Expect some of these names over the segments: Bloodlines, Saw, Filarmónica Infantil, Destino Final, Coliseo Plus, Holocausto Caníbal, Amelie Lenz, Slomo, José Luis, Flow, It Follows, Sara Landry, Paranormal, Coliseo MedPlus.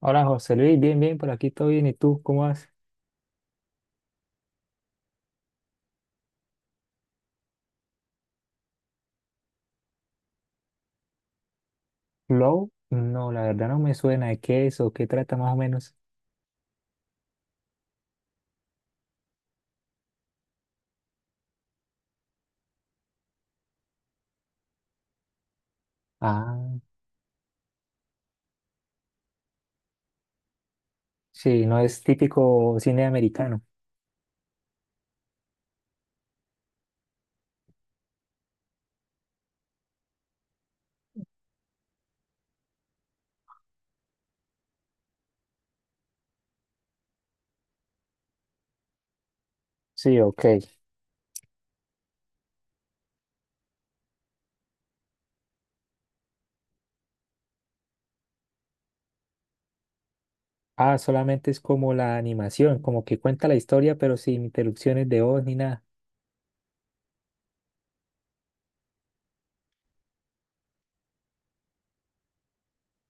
Hola José Luis, bien, bien, por aquí todo bien. ¿Y tú cómo vas? ¿Flow? No, la verdad no me suena. ¿De qué es o qué trata más o menos? Ah, sí, no es típico cine americano. Sí, ok. Ah, solamente es como la animación, como que cuenta la historia, pero sin interrupciones de voz ni nada.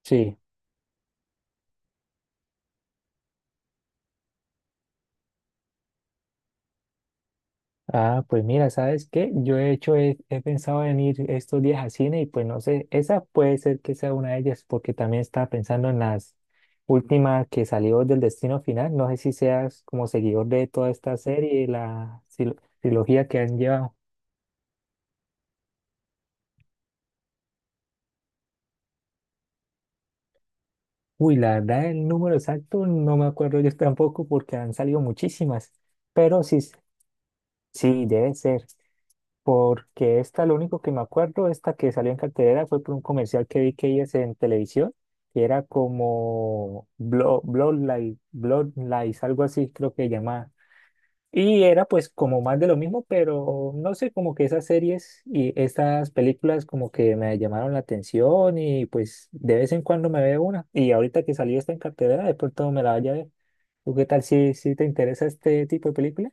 Sí, ah, pues mira, ¿sabes qué? Yo he pensado en ir estos días a cine y pues no sé, esa puede ser que sea una de ellas porque también estaba pensando en las últimas que salió del Destino Final. No sé si seas como seguidor de toda esta serie, la trilogía que han llevado. Uy, la verdad, el número exacto no me acuerdo yo tampoco porque han salido muchísimas, pero sí, sí, debe ser. Porque esta, lo único que me acuerdo, esta que salió en cartelera fue por un comercial que vi que ellas en televisión, que era como Bloodline, Bloodlines, algo así creo que llamaba. Y era pues como más de lo mismo, pero no sé, como que esas series y estas películas como que me llamaron la atención y pues de vez en cuando me veo una. Y ahorita que salió esta en cartelera, de pronto me la vaya a ver. ¿Tú qué tal si, si te interesa este tipo de película?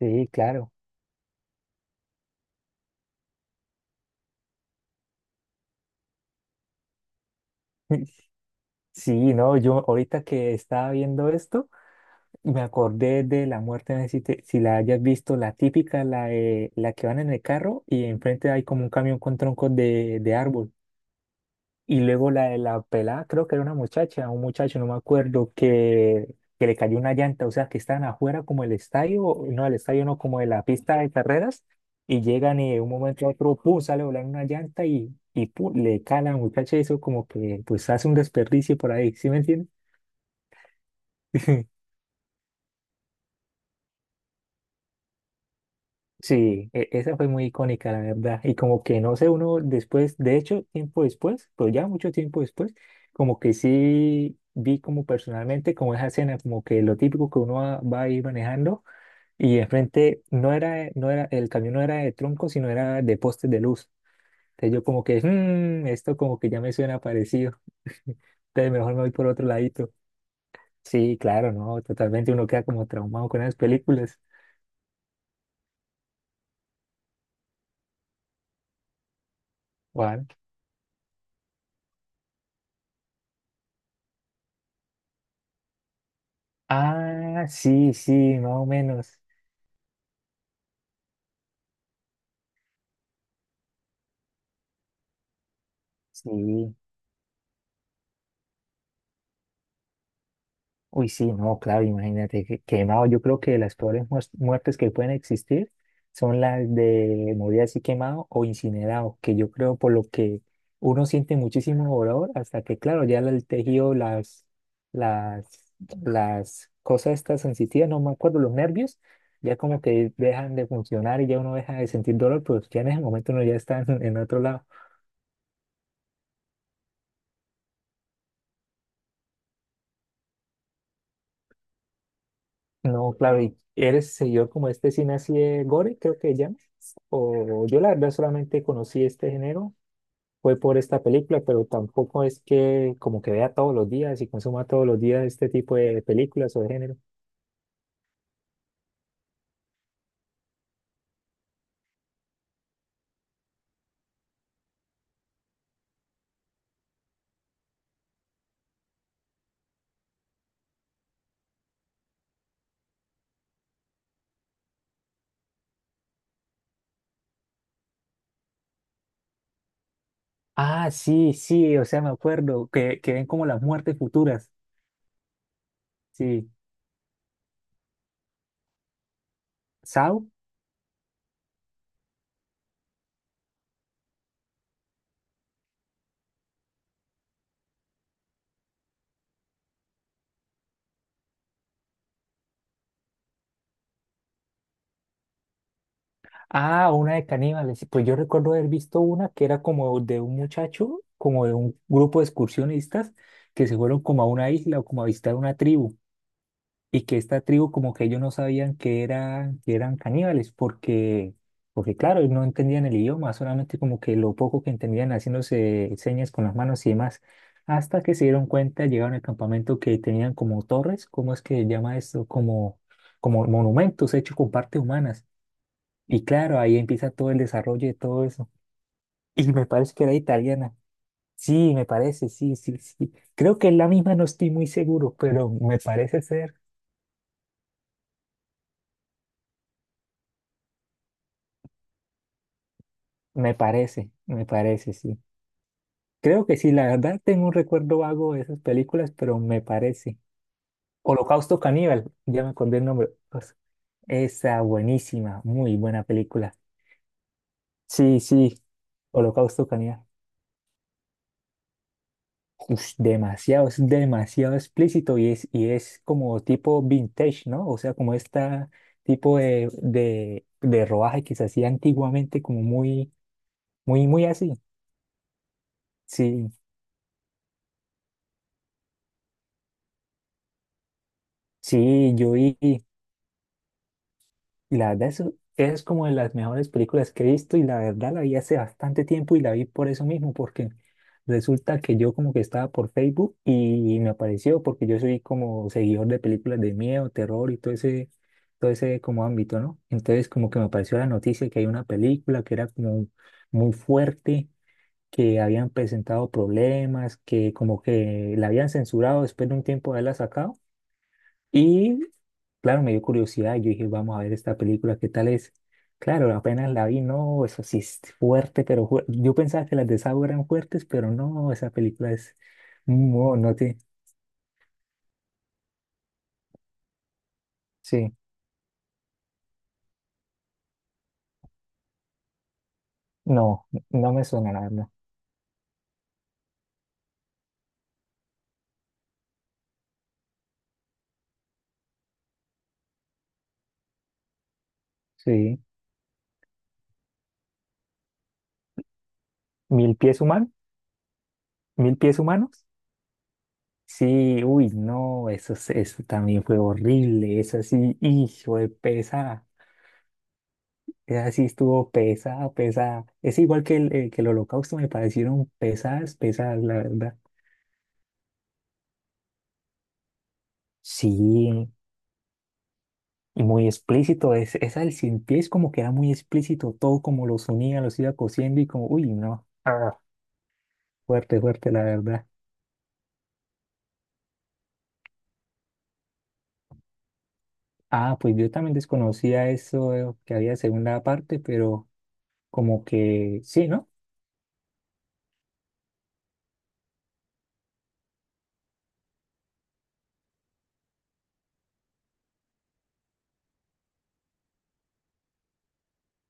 Sí, claro. Sí, no, yo ahorita que estaba viendo esto, me acordé de la muerte, no sé si, si la hayas visto, la típica, la que van en el carro y enfrente hay como un camión con troncos de árbol. Y luego la de la pelada, creo que era una muchacha, un muchacho, no me acuerdo, que le cayó una llanta, o sea, que estaban afuera como el estadio no, como de la pista de carreras, y llegan y de un momento a otro, pum, sale volando una llanta y pum, le cala a la muchacha, y eso como que pues hace un desperdicio por ahí, ¿sí me entiendes? Sí, esa fue muy icónica, la verdad. Y como que no sé, uno después, de hecho, tiempo después, pues ya mucho tiempo después, como que sí vi como personalmente como esa escena, como que lo típico que uno va, va a ir manejando y enfrente no era, no era, el camión no era de troncos, sino era de postes de luz. Entonces yo como que, "Mm, esto como que ya me suena parecido". Entonces mejor me voy por otro ladito. Sí, claro, no, totalmente uno queda como traumado con esas películas. Juan. Ah, sí, sí, más o menos. Sí, uy, sí, no, claro, imagínate, quemado. Yo creo que las peores muertes que pueden existir son las de morir así quemado o incinerado, que yo creo por lo que uno siente muchísimo dolor hasta que, claro, ya el tejido, las, las cosas estas sensitivas, no me acuerdo, los nervios, ya como que dejan de funcionar y ya uno deja de sentir dolor, pero ya en ese momento uno ya está en otro lado. No, claro, ¿y eres seguidor como este cine así de gore, creo que llama? O yo la verdad solamente conocí este género, fue por esta película, pero tampoco es que como que vea todos los días y consuma todos los días este tipo de películas o de género. Ah, sí, sí, o sea, me acuerdo, que ven como las muertes futuras, sí. ¿Sao? Ah, una de caníbales. Pues yo recuerdo haber visto una que era como de un muchacho, como de un grupo de excursionistas que se fueron como a una isla o como a visitar una tribu. Y que esta tribu como que ellos no sabían que eran caníbales, porque, porque claro, no entendían el idioma, solamente como que lo poco que entendían haciéndose señas con las manos y demás, hasta que se dieron cuenta, llegaron al campamento que tenían como torres, ¿cómo es que se llama esto? Como, como monumentos hechos con partes humanas. Y claro, ahí empieza todo el desarrollo de todo eso. Y me parece que era italiana. Sí, me parece, sí, sí, sí. Creo que es la misma, no estoy muy seguro, pero me parece ser. Me parece, sí. Creo que sí, la verdad tengo un recuerdo vago de esas películas, pero me parece. Holocausto Caníbal, ya me acordé el nombre. Pues, esa buenísima, muy buena película. Sí, sí, Holocausto Caníbal. Ush, demasiado, es demasiado explícito y es como tipo vintage, ¿no? O sea, como esta tipo de rodaje que se hacía antiguamente, como muy, muy, muy así. Sí, sí, yo vi. Y la verdad, eso es como de las mejores películas que he visto y la verdad la vi hace bastante tiempo y la vi por eso mismo, porque resulta que yo como que estaba por Facebook y me apareció porque yo soy como seguidor de películas de miedo, terror y todo ese como ámbito, ¿no? Entonces como que me apareció la noticia que hay una película que era como muy fuerte, que habían presentado problemas, que como que la habían censurado después de un tiempo de haberla sacado y claro, me dio curiosidad y yo dije, vamos a ver esta película, ¿qué tal es? Claro, apenas la vi, no, eso sí es fuerte, pero yo pensaba que las de Saw eran fuertes, pero no, esa película es, no, no te, sí, no, no me suena la verdad. Sí, mil pies humanos, mil pies humanos. Sí, uy, no, eso, eso también fue horrible, eso sí, hijo de pesada, esa sí estuvo pesada, pesada. Es igual que el holocausto, me parecieron pesadas, pesadas, la verdad. Sí, y muy explícito. Es, esa del cien pies como que era muy explícito, todo como los unía, los iba cosiendo y como, uy, no, ah, fuerte, fuerte, la verdad. Ah, pues yo también desconocía eso, que había segunda parte, pero como que sí, ¿no?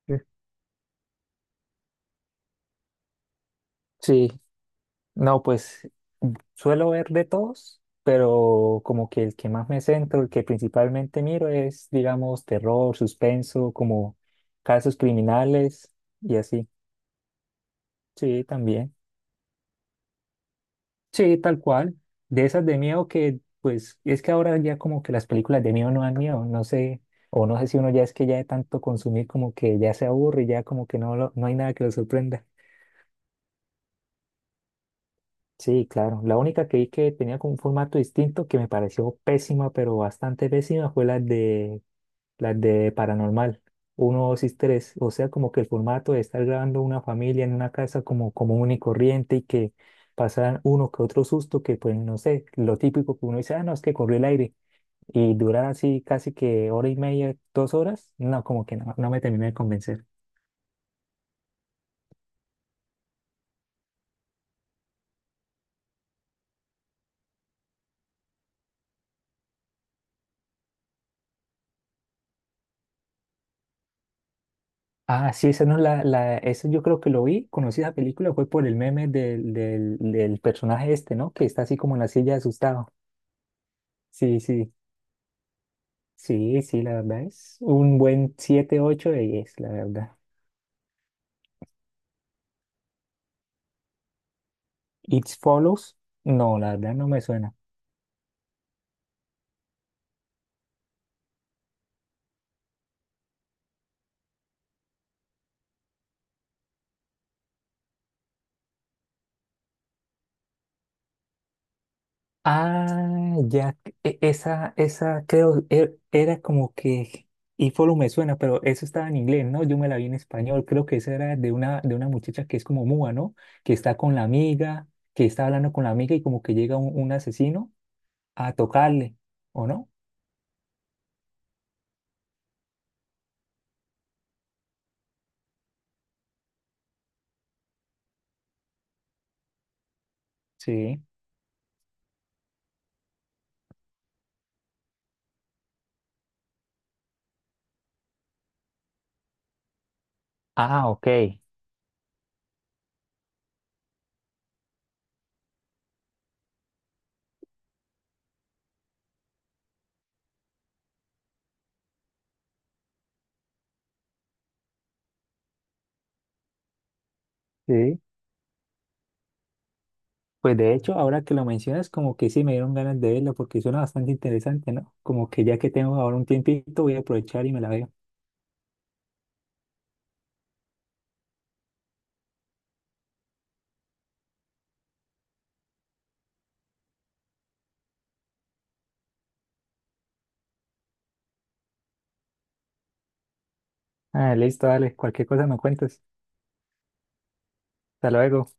Sí, sí, no, pues mm, suelo ver de todos, pero como que el que más me centro, el que principalmente miro es, digamos, terror, suspenso, como casos criminales y así. Sí, también. Sí, tal cual. De esas de miedo que, pues, es que ahora ya como que las películas de miedo no dan miedo, no sé, o no sé si uno ya es que ya de tanto consumir como que ya se aburre y ya como que no, no hay nada que lo sorprenda. Sí, claro. La única que vi que tenía como un formato distinto que me pareció pésima, pero bastante pésima, fue la de las de Paranormal, uno 2 y tres. O sea, como que el formato de estar grabando una familia en una casa como común y corriente y que pasaran uno que otro susto, que pues no sé, lo típico que uno dice, ah, no, es que corrió el aire. Y durar así casi que hora y media, 2 horas, no, como que no, no me terminé de convencer. Ah, sí, esa no esa yo creo que lo vi, conocí esa película, fue por el meme del personaje este, ¿no? Que está así como en la silla asustado. Sí, sí. Sí, sí, la verdad es un buen 7, 8 de 10, la verdad. It Follows, no, la verdad no me suena. Ah, ya, esa, era como que It Follows me suena, pero eso estaba en inglés, ¿no? Yo me la vi en español, creo que esa era de una muchacha que es como muda, ¿no? Que está con la amiga, que está hablando con la amiga y como que llega un asesino a tocarle, ¿o no? Sí. Ah, ok. Sí. Pues de hecho, ahora que lo mencionas, como que sí me dieron ganas de verla porque suena bastante interesante, ¿no? Como que ya que tengo ahora un tiempito, voy a aprovechar y me la veo. Ah, listo, dale, cualquier cosa me cuentas. Hasta luego.